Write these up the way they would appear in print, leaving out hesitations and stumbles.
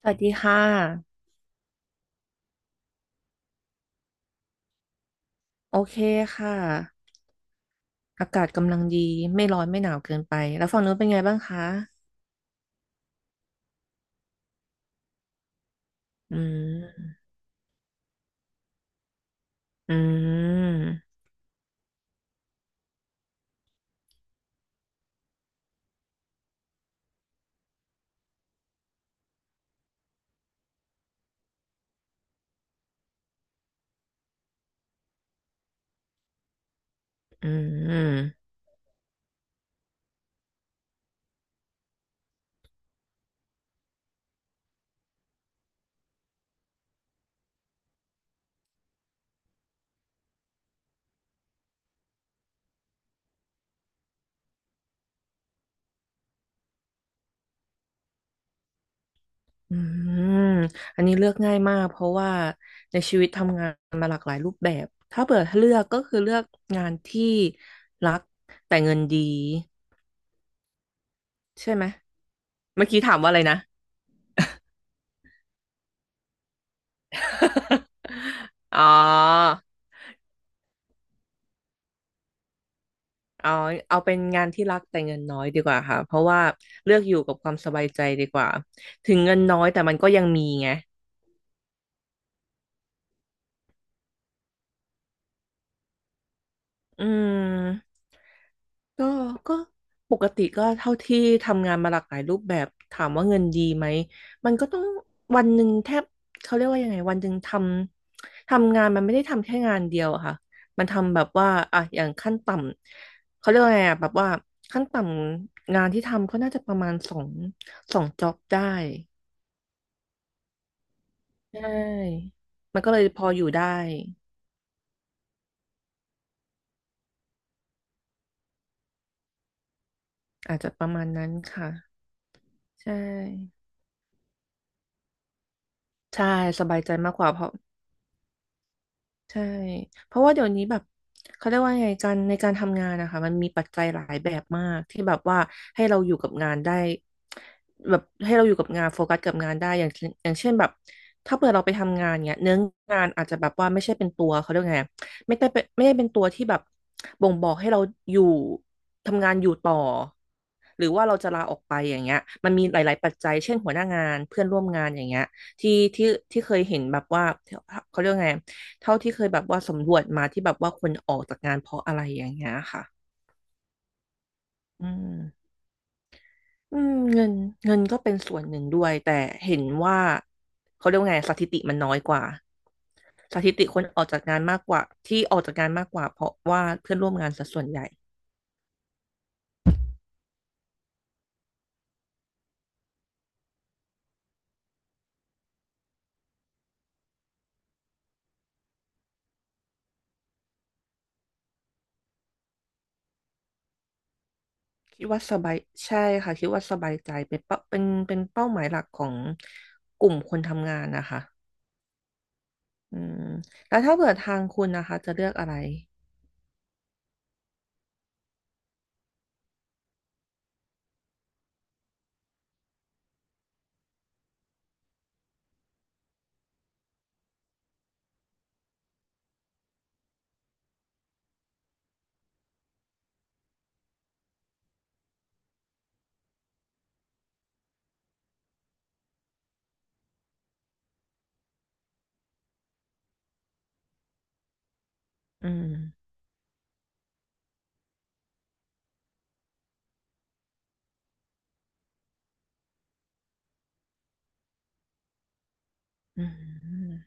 สวัสดีค่ะโอเคค่ะอากาศกำลังดีไม่ร้อนไม่หนาวเกินไปแล้วฝั่งนู้นเป็นไงบ้างคะอืมอืมอืมอืมอันนี้เลือกง่ายมากเพราะว่าในชีวิตทำงานมาหลากหลายรูปแบบถ้าเปิดเลือกก็คือเลือกงานที่รักแต่เงินดีใช่ไหมเมื่อกี้ถามว่าอะไรนะ อ๋อ อ๋อเอาเป็นงานที่รักแต่เงินน้อยดีกว่าค่ะเพราะว่าเลือกอยู่กับความสบายใจดีกว่าถึงเงินน้อยแต่มันก็ยังมีไงอืมก็ก็ปกติก็เท่าที่ทำงานมาหลากหลายรูปแบบถามว่าเงินดีไหมมันก็ต้องวันหนึ่งแทบเขาเรียกว่ายังไงวันหนึ่งทำงานมันไม่ได้ทำแค่งานเดียวอะค่ะมันทำแบบว่าอ่ะอย่างขั้นต่ำเขาเรียกว่าไงอะแบบว่าขั้นต่ำงานที่ทำก็น่าจะประมาณสองจ็อบได้ ใช่ มันก็เลยพออยู่ได้ อาจจะประมาณนั้นค่ะ ใช่ ใช่ สบายใจมากกว่าเพราะ ใช่เพราะว่าเดี๋ยวนี้แบบเขาเรียกว่าไงการในการทำงานนะคะมันมีปัจจัยหลายแบบมากที่แบบว่าให้เราอยู่กับงานได้แบบให้เราอยู่กับงานโฟกัสกับงานได้อย่างเช่นแบบถ้าเผื่อเราไปทำงานเนี้ยเนื้องานอาจจะแบบว่าไม่ใช่เป็นตัวเขาเรียกไงไม่ได้เป็นตัวที่แบบบ่งบอกให้เราอยู่ทำงานอยู่ต่อหรือว่าเราจะลาออกไปอย่างเงี้ยมันมีหลายๆปัจจัยเช่นหัวหน้างานเพื่อนร่วมงานอย่างเงี้ยที่ที่ที่เคยเห็นแบบว่าเขาเรียกว่าไง เท่าที่เคยแบบว่าสำรวจมาที่แบบว่าคนออกจากงานเพราะอะไรอย่างเงี้ยค่ะอืมอืมเงินเงินก็เป็นส่วนหนึ่งด้วยแต่เห็นว่าเขาเรียกว่าไงสถิติมันน้อยกว่าสถิติคนออกจากงานมากกว่าที่ออกจากงานมากกว่าเพราะว่าเพื่อนร่วมงานสะส่วนใหญ่คิดว่าสบายใช่ค่ะคิดว่าสบายใจเป็นเป้าเป็นเป็นเป้าหมายหลักของกลุ่มคนทำงานนะคะอืมแล้วถ้าเกิดทางคุณนะคะจะเลือกอะไรอืมอืม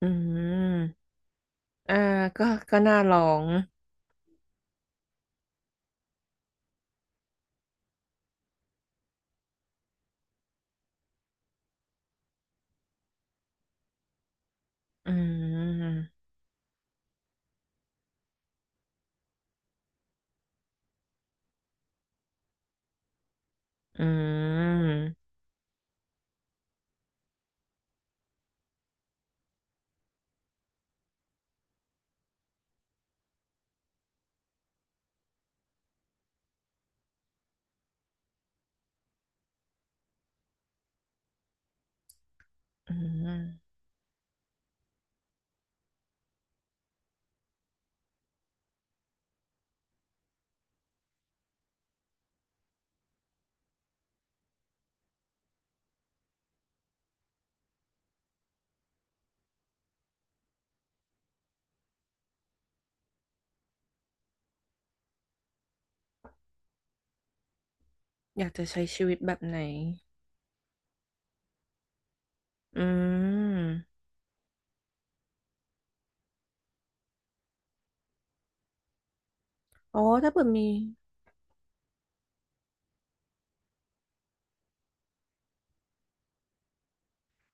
อืม อ่าก็ก็น่าลองอืมอืมอืมอยากจะใช้ชีวิตแบบไหนอืมอ๋อถ้าเกิดมี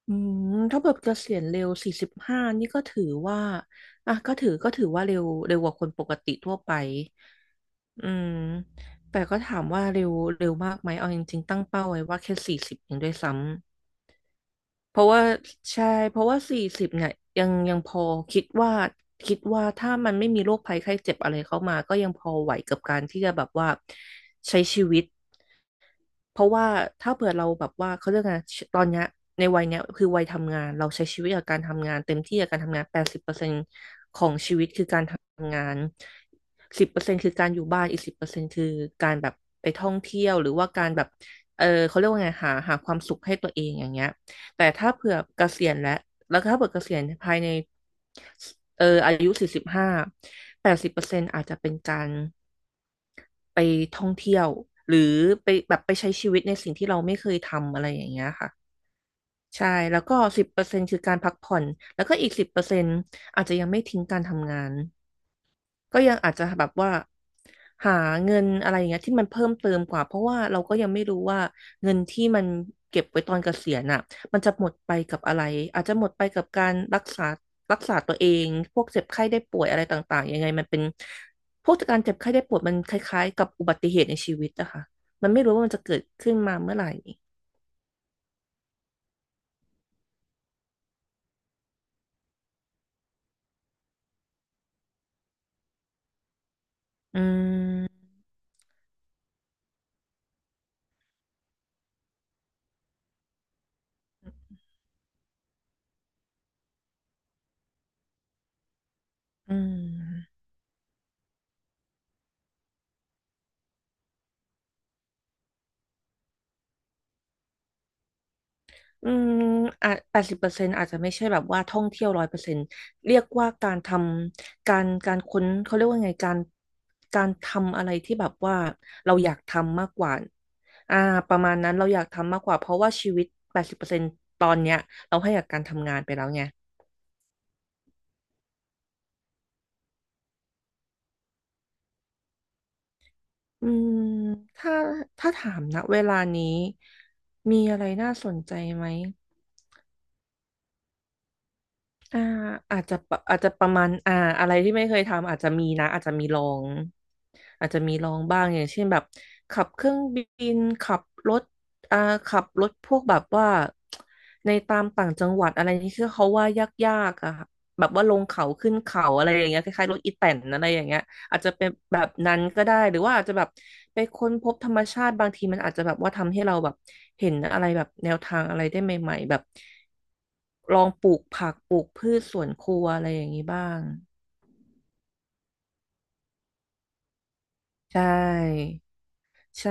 อืมถ้าเกิดเกษียณเร็วสี่สิบห้านี่ก็ถือว่าอ่ะก็ถือว่าเร็วเร็วกว่าคนปกติทั่วไปอืมแต่ก็ถามว่าเร็วเร็วมากไหมเอาจริงๆตั้งเป้าไว้ว่าแค่สี่สิบเองด้วยซ้ำ เพราะว่าใช่เพราะว่าสี่สิบเนี่ยยังพอคิดว่าคิดว่าถ้ามันไม่มีโรคภัยไข้เจ็บอะไรเข้ามาก็ยังพอไหวกับการที่จะแบบว่าใช้ชีวิต เพราะว่าถ้าเผื่อเราแบบว่าเขาเรียกไงตอนเนี้ยในวัยเนี้ยคือวัยทำงานเราใช้ชีวิตกับการทำงานเต็มที่กับการทำงานแปดสิบเปอร์เซ็นต์ของชีวิตคือการทำงานสิบเปอร์เซ็นต์คือการอยู่บ้านอีกสิบเปอร์เซ็นต์คือการแบบไปท่องเที่ยวหรือว่าการแบบเออเขาเรียกว่าไงหาความสุขให้ตัวเองอย่างเงี้ยแต่ถ้าเผื่อเกษียณแล้วแล้วถ้าเผื่อเกษียณภายในเอออายุสี่สิบห้าแปดสิบเปอร์เซ็นต์อาจจะเป็นการ ไปท่องเที่ยวหรือไปแบบไปใช้ชีวิตในสิ่งที่เราไม่เคยทำอะไรอย่างเงี้ยค่ะใช่แล้วก็สิบเปอร์เซ็นต์คือการพักผ่อนแล้วก็อีกสิบเปอร์เซ็นต์อาจจะยังไม่ทิ้งการทำงาน ก็ยังอาจจะแบบว่าหาเงินอะไรอย่างเงี้ยที่มันเพิ่มเติมกว่าเพราะว่าเราก็ยังไม่รู้ว่าเงินที่มันเก็บไว้ตอนเกษียณอ่ะมันจะหมดไปกับอะไรอาจจะหมดไปกับการรักษาตัวเองพวกเจ็บไข้ได้ป่วยอะไรต่างๆยังไงมันเป็นพวกการเจ็บไข้ได้ป่วยมันคล้ายๆกับอุบัติเหตุในชีวิตอะค่ะมันไม่รู้ว่ามันจะเกิดขึ้นมาเมื่อไหร่อืมอืม อืมอ่ะ80%อาจจะไม่ใช่แบบว่าท่องเที่ยว100%เรียกว่าการทำการค้นเขาเรียกว่าไงการการทำอะไรที่แบบว่าเราอยากทำมากกว่าอ่าประมาณนั้นเราอยากทำมากกว่าเพราะว่าชีวิตแปดสิบเปอร์เซ็นต์ตอนเนี้ยเราให้กับการทำงานไปแล้วไงอืมถ้าถ้าถามนะเวลานี้มีอะไรน่าสนใจไหม อ่าอาจจะประมาณอะไรที่ไม่เคยทำอาจจะมีนะอาจจะมีลองบ้างอย่างเช่นแบบขับเครื่องบินขับรถอ่าขับรถพวกแบบว่าในตามต่างจังหวัดอะไรนี่คือเขาว่ายากๆอะค่ะแบบว่าลงเขาขึ้นเขาอะไรอย่างเงี้ยคล้ายๆรถอีแตนอะไรอย่างเงี้ย อาจจะเป็นแบบนั้นก็ได้ หรือว่าอาจจะแบบไปค้นพบธรรมชาติบางทีมันอาจจะแบบว่าทำให้เราแบบเห็นอะไรแบบแนวทางอะไรได้ใหม่ๆแบบลองปลูกผักปลูกพืชสวนครัวอะไรอย่างนี้บ้างใช่ใช่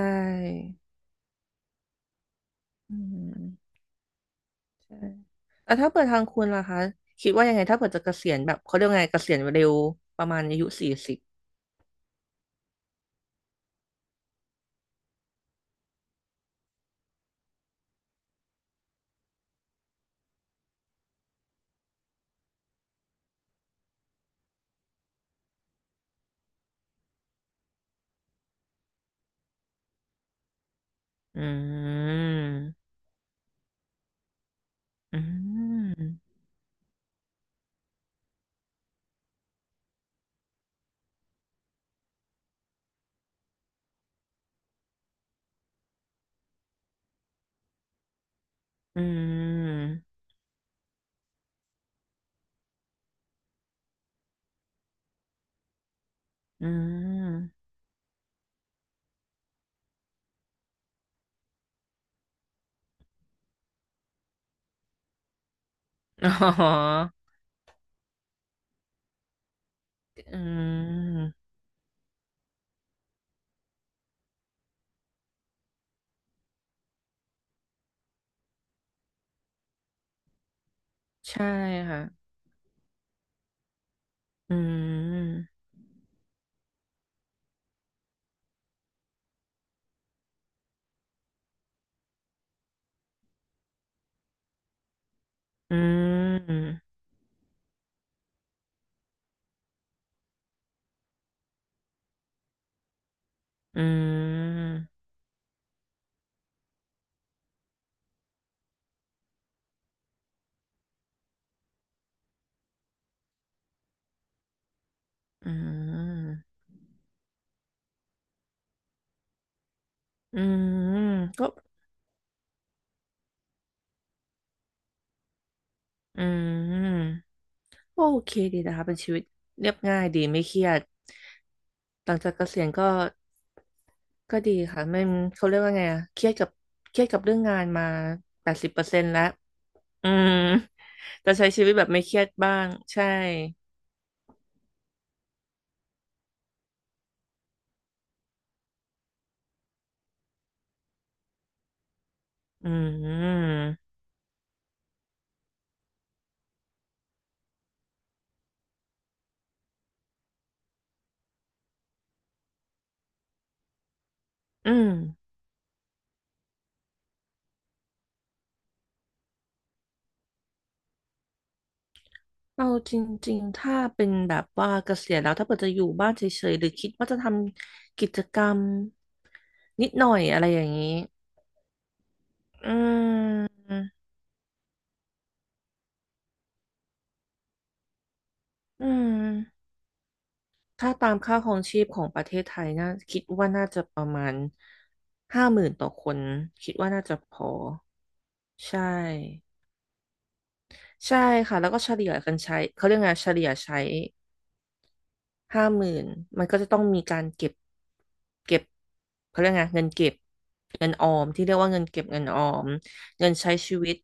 อืมใช่แล้วถ้าเปิดทางคุณล่ะคะคิดว่ายังไงถ้าเปิดจะเกษียณแบบเขาเรียกว่าไงเกษียณเร็วประมาณอายุสี่สิบอืมอืมอืมอืมอ๋อ อืมใช่ค่ะอืมอืมอืมอืมอืมก็อืมโอเคดีนะคะเป็นชีวิตเรียบง่ายดีไม่เครียดหลังจากเกษียณก็ก็ดีค่ะไม่เขาเรียกว่าไงอะเครียดกับเครียดกับเรื่องงานมาแปดสิบเปอร์เซ็นต์แล้วอืมแต่ใช้ชีวิตแบบไม่เครียดบ้างใช่อืมอืม เอาจริงๆ ถ้าเป็นแบบว่าเกษียณแล้วถ้าเกิดจะอยู่บ้านเฉยๆหรือคิดว่าจะทำกิจกรรมนิดหน่อยอะไรอย่างนี้ อืมอืมถ้าตามค่าครองชีพของประเทศไทยน่าคิดว่าน่าจะประมาณห้าหมื่นต่อคนคิดว่าน่าจะพอใช่ใช่ค่ะแล้วก็เฉลี่ยกันใช้เขาเรียกไงเฉลี่ยใช้ ห้าหมื่นมันก็จะต้องมีการเก็บ เก็บเขาเรียกไงเงินเก็บเงินออมที่เรียกว่าเงินเก็บเงินออมเงินใช้ชีวิต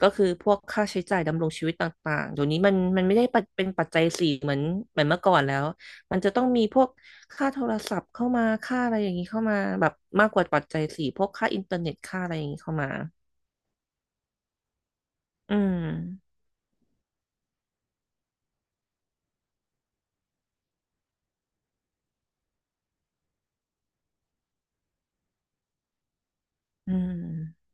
ก็คือพวกค่าใช้จ่ายดำรงชีวิตต่างๆเดี๋ยวนี้มันไม่ได้ปัจเป็นปัจจัยสี่เหมือนเหมือนเมื่อก่อนแล้วมันจะต้องมีพวกค่าโทรศัพท์เข้ามา ค่าอะไรอย่างนี้เข้ามาแบบมากกว่าปัจจัยสี่พวกค่าอินเทอร์เน็ตค่าอะไรอย่างนี้เข้ามาอืมอืม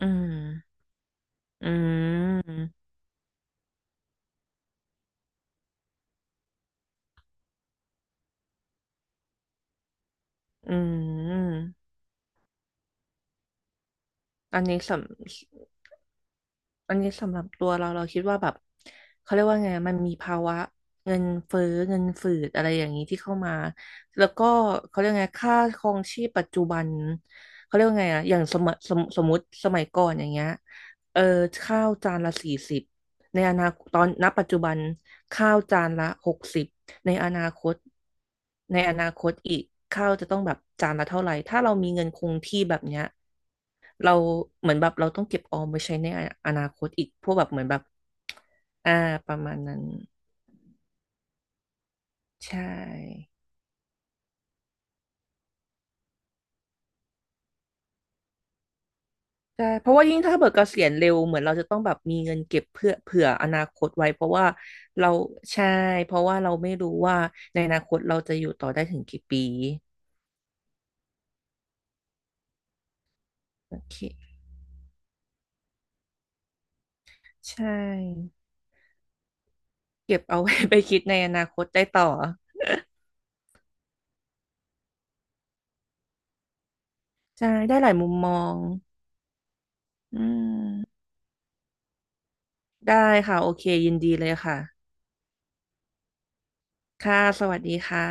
อืมอืมอืมอันนี้สำ อันนี้สำหรับตัวเราคิดว่าแบบเขาเรียกว่าไงมันมีภาวะเงินเฟ้อเงินฝืดอะไรอย่างนี้ที่เข้ามาแล้วก็เขาเรียกไงค่าครองชีพปัจจุบันเขาเรียกว่าไงอะอย่างสมมติสมัยก่อนอย่างเงี้ยเออข้าวจานละสี่สิบในอนาคตตอนณปัจจุบันข้าวจานละ60ในอนาคตอีกข้าวจะต้องแบบจานละเท่าไหร่ถ้าเรามีเงินคงที่แบบเนี้ย เราเหมือนแบบเราต้องเก็บออมไว้ใช้ในออนาคตอีกพวกแบบเหมือนแบบอ่าประมาณนั้นใช่ใช่เพราะว่ายิ่งถ้าเบิกเกษียณเร็วเหมือนเราจะต้องแบบมีเงินเก็บเพื่อเผื่ออนาคตไว้เพราะว่าเราใช่เพราะว่าเราไม่รู้ว่าในอนาคตเราจะอยู่ต่อได้ถึงกี่ปีโอเคใช่เก็บเอาไว้ ไปคิดในอนาคตได้ต่อใช่ได้หลายมุมมองอืมได้ค่ะโอเคยินดีเลยค่ะค่ะสวัสดีค่ะ